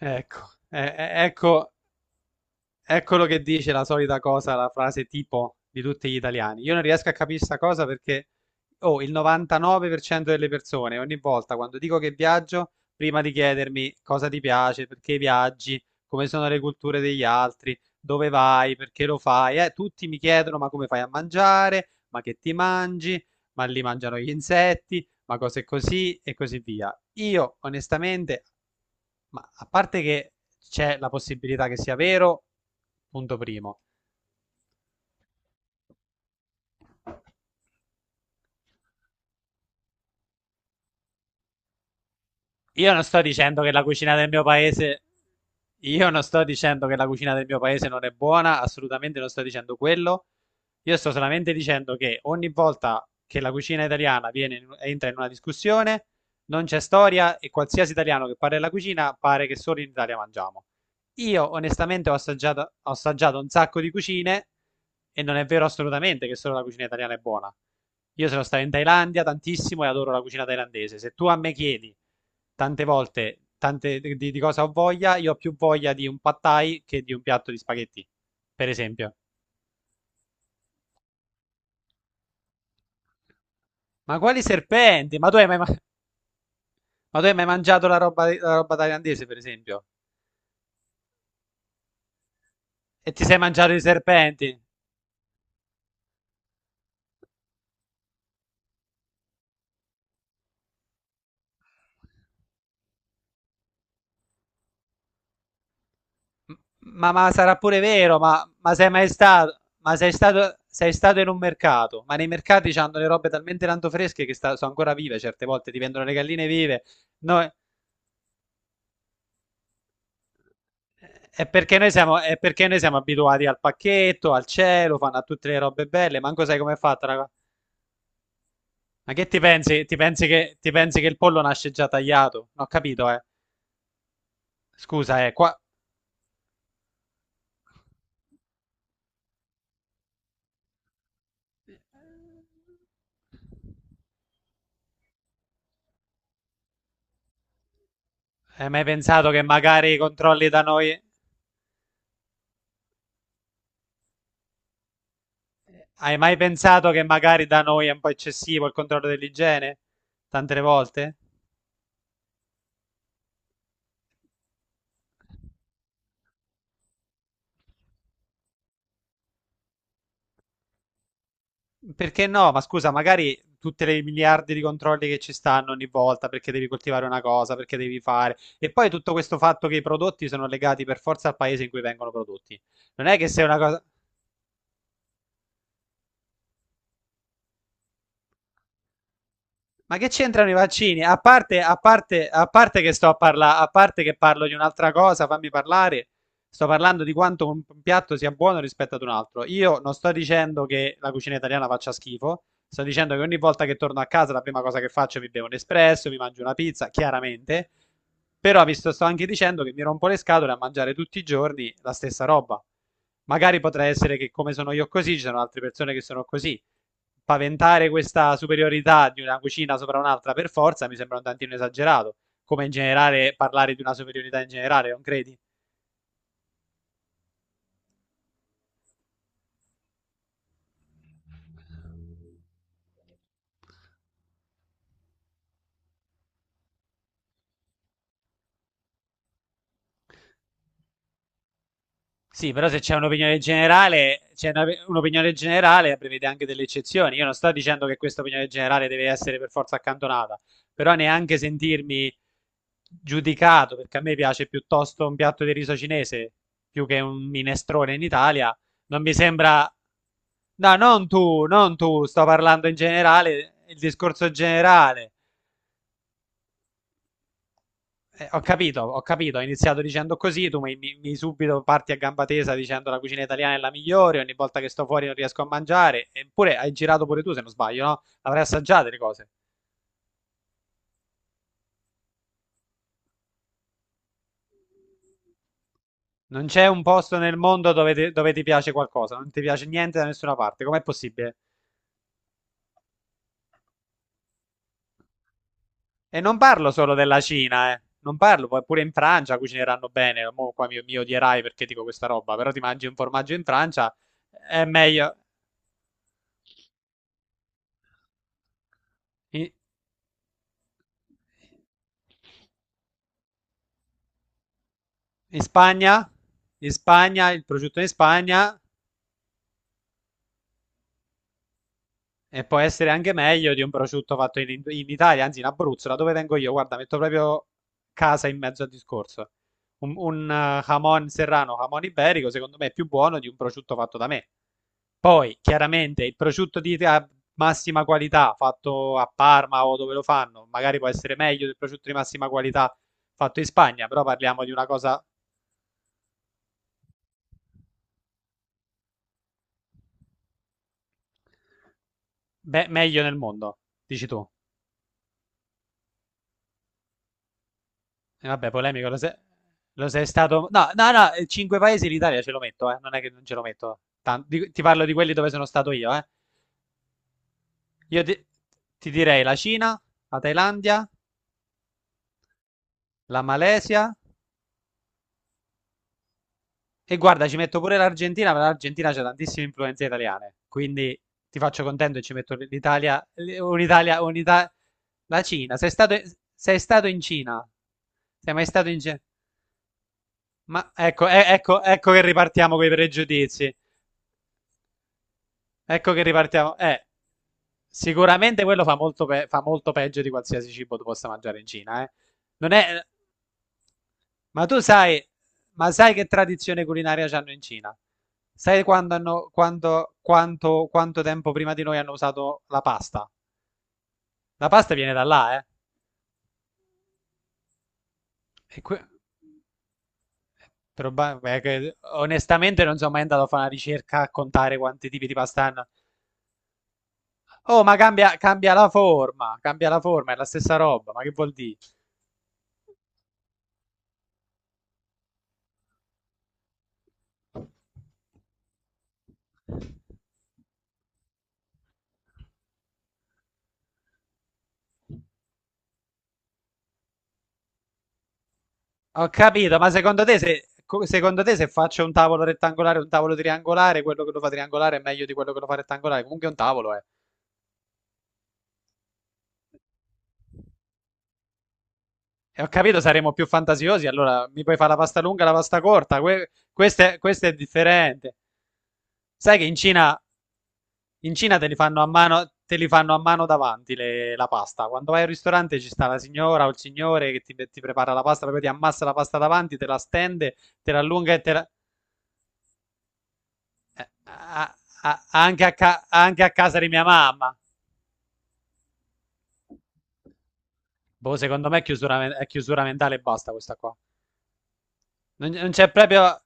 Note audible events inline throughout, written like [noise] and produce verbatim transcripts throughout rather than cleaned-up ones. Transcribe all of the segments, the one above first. Ecco, e- e- ecco, Eccolo che dice la solita cosa, la frase tipo di tutti gli italiani. Io non riesco a capire sta cosa perché, oh, il novantanove per cento delle persone, ogni volta quando dico che viaggio, prima di chiedermi cosa ti piace, perché viaggi, come sono le culture degli altri, dove vai, perché lo fai, eh, tutti mi chiedono ma come fai a mangiare, ma che ti mangi, ma lì mangiano gli insetti, ma cose così e così via. Io onestamente, ma a parte che c'è la possibilità che sia vero, punto primo. Io non sto dicendo che la cucina del mio paese, Io non sto dicendo che la cucina del mio paese non è buona, assolutamente non sto dicendo quello. Io sto solamente dicendo che ogni volta che la cucina italiana viene in- entra in una discussione, non c'è storia e qualsiasi italiano che parla della cucina pare che solo in Italia mangiamo. Io onestamente ho assaggiato, ho assaggiato un sacco di cucine e non è vero assolutamente che solo la cucina italiana è buona. Io sono stato in Thailandia tantissimo e adoro la cucina thailandese. Se tu a me chiedi tante volte tante, di, di cosa ho voglia, io ho più voglia di un pad thai che di un piatto di spaghetti, per esempio. Ma quali serpenti? Ma tu hai mai, ma- ma tu hai mai mangiato la roba, la roba thailandese, per esempio? E ti sei mangiato i serpenti? M- Ma, ma sarà pure vero, ma, ma sei mai stato? Ma sei stato, sei stato in un mercato? Ma nei mercati c'hanno le robe talmente tanto fresche che sta- sono ancora vive, certe volte ti vendono le galline vive. Noi. Eh, È perché noi siamo, è perché noi siamo abituati al pacchetto, al cielo, fanno a tutte le robe belle, manco sai com'è fatta la cosa. Ma che ti pensi? Ti pensi che, ti pensi che il pollo nasce già tagliato? Non ho capito, eh. Scusa, eh, qua. Hai mai pensato che magari i controlli da noi. Hai mai pensato che magari da noi è un po' eccessivo il controllo dell'igiene? Tante le volte? Perché no? Ma scusa, magari tutte le miliardi di controlli che ci stanno ogni volta perché devi coltivare una cosa, perché devi fare. E poi tutto questo fatto che i prodotti sono legati per forza al paese in cui vengono prodotti. Non è che se una cosa. Ma che c'entrano i vaccini? A parte, a parte, a parte che sto a parlare, a parte che parlo di un'altra cosa, fammi parlare. Sto parlando di quanto un un piatto sia buono rispetto ad un altro. Io non sto dicendo che la cucina italiana faccia schifo, sto dicendo che ogni volta che torno a casa la prima cosa che faccio è mi bevo un espresso, mi mangio una pizza, chiaramente. Però vi sto, sto anche dicendo che mi rompo le scatole a mangiare tutti i giorni la stessa roba. Magari potrà essere che come sono io così, ci sono altre persone che sono così. Paventare questa superiorità di una cucina sopra un'altra per forza mi sembra un tantino esagerato, come in generale parlare di una superiorità in generale, non credi? Sì, però se c'è un'opinione generale, c'è una- un'opinione generale prevede anche delle eccezioni. Io non sto dicendo che questa opinione generale deve essere per forza accantonata, però neanche sentirmi giudicato, perché a me piace piuttosto un piatto di riso cinese più che un minestrone in Italia, non mi sembra. No, non tu, non tu, sto parlando in generale, il discorso generale. Eh, ho capito, ho capito, ho iniziato dicendo così, tu mi, mi- mi subito parti a gamba tesa dicendo la cucina italiana è la migliore, ogni volta che sto fuori non riesco a mangiare, eppure hai girato pure tu se non sbaglio, no? Avrai assaggiato le cose. Non c'è un posto nel mondo dove ti, dove ti piace qualcosa, non ti piace niente da nessuna parte, com'è possibile? E non parlo solo della Cina, eh. Non parlo, poi pure in Francia cucineranno bene, mo qua mi, mi odierai perché dico questa roba, però ti mangi un formaggio in Francia, è meglio. I- In Spagna? In Spagna, il prosciutto in Spagna e può essere anche meglio di un prosciutto fatto in, in Italia, anzi in Abruzzo, da dove vengo io. Guarda, metto proprio casa in mezzo al discorso. Un, un eh, jamon serrano, jamon iberico, secondo me è più buono di un prosciutto fatto da me. Poi, chiaramente, il prosciutto di a massima qualità fatto a Parma o dove lo fanno, magari può essere meglio del prosciutto di massima qualità fatto in Spagna, però parliamo di una cosa be- meglio nel mondo, dici tu. E vabbè, polemico, lo sei, lo sei stato. No, no, no, eh, cinque paesi l'Italia ce lo metto, eh. Non è che non ce lo metto. Tan- di- ti parlo di quelli dove sono stato io, eh. Io ti, ti direi la Cina, la Thailandia, la Malesia e guarda, ci metto pure l'Argentina, ma l'Argentina c'è tantissime influenze italiane. Quindi ti faccio contento e ci metto l'Italia, un'Italia, un'Italia. La Cina, sei stato, sei stato in Cina? Sei mai stato in Cina? Ma ecco, eh, ecco, ecco che ripartiamo con i pregiudizi. Ecco che ripartiamo. Eh, sicuramente quello fa molto, pe- fa molto peggio di qualsiasi cibo tu possa mangiare in Cina, eh. Non è. Ma tu sai, ma sai che tradizione culinaria c'hanno in Cina? Sai quando hanno, quando, quanto, quanto tempo prima di noi hanno usato la pasta? La pasta viene da là, eh. E que- proba- beh, che- onestamente non sono mai andato a fare una ricerca a contare quanti tipi di pasta hanno. Oh, ma cambia, cambia la forma, cambia la forma, è la stessa roba, ma che vuol dire? Ho capito, ma secondo te se, co- secondo te se faccio un tavolo rettangolare e un tavolo triangolare, quello che lo fa triangolare è meglio di quello che lo fa rettangolare? Comunque è un tavolo, eh. E ho capito, saremo più fantasiosi, allora mi puoi fare la pasta lunga e la pasta corta, que- questo è, questo è differente. Sai che in Cina, in Cina te li fanno a mano, te li fanno a mano davanti le- la pasta. Quando vai al ristorante ci sta la signora o il signore che ti, ti prepara la pasta, proprio ti ammassa la pasta davanti, te la stende, te la allunga e te la. Eh, a- a- anche, a ca- anche a casa di mia mamma. Boh, secondo me è chiusura, men- è chiusura mentale e basta questa qua. Non, non c'è proprio.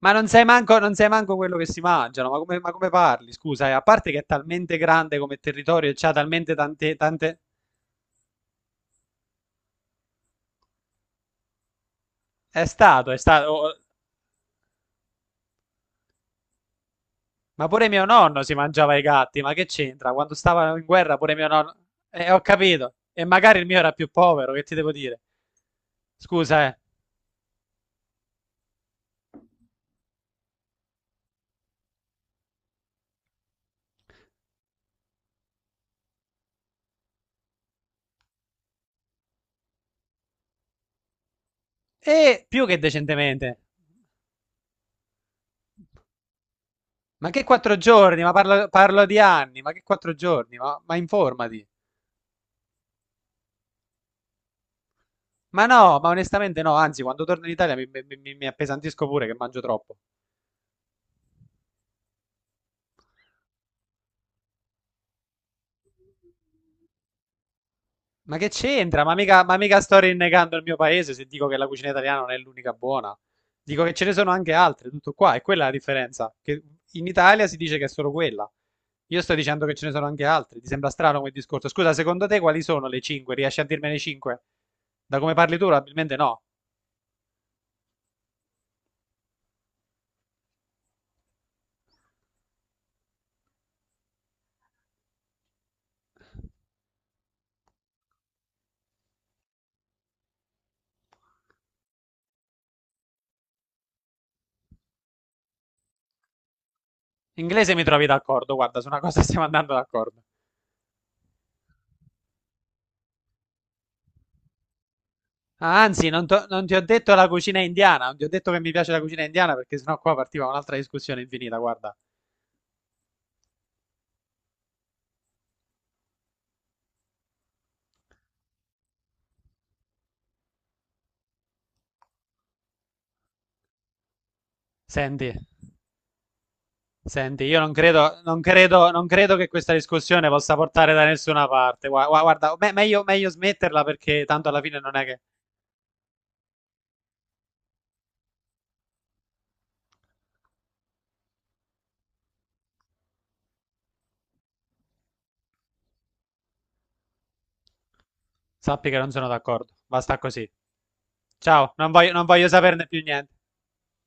Ma non sai manco, non sai manco quello che si mangiano, ma come, ma come parli? Scusa, eh, a parte che è talmente grande come territorio e c'ha talmente tante, tante. È stato, è stato, oh. Ma pure mio nonno si mangiava i gatti, ma che c'entra? Quando stavano in guerra pure mio nonno. Eh, ho capito. E magari il mio era più povero, che ti devo dire? Scusa, eh. E più che decentemente. Ma che quattro giorni? Ma parlo, parlo di anni, ma che quattro giorni? Ma, ma informati. Ma no, ma onestamente no, anzi, quando torno in Italia mi, mi- mi- mi appesantisco pure che mangio troppo. Ma che c'entra? Ma mica, ma mica sto rinnegando il mio paese se dico che la cucina italiana non è l'unica buona. Dico che ce ne sono anche altre, tutto qua, e quella è la differenza. Che in Italia si dice che è solo quella. Io sto dicendo che ce ne sono anche altre. Ti sembra strano come discorso? Scusa, secondo te quali sono le cinque? Riesci a dirmene cinque? Da come parli tu, probabilmente no. Inglese mi trovi d'accordo, guarda, su una cosa [laughs] stiamo andando d'accordo. Ah, anzi, non, to- non ti ho detto la cucina indiana, non ti ho detto che mi piace la cucina indiana perché sennò qua partiva un'altra discussione infinita, guarda. Senti, senti, io non credo, non credo, non credo che questa discussione possa portare da nessuna parte. Gua- gua- Guarda, me- meglio, meglio smetterla perché tanto alla fine non è che sappi che non sono d'accordo. Basta così. Ciao, non voglio, non voglio saperne più niente.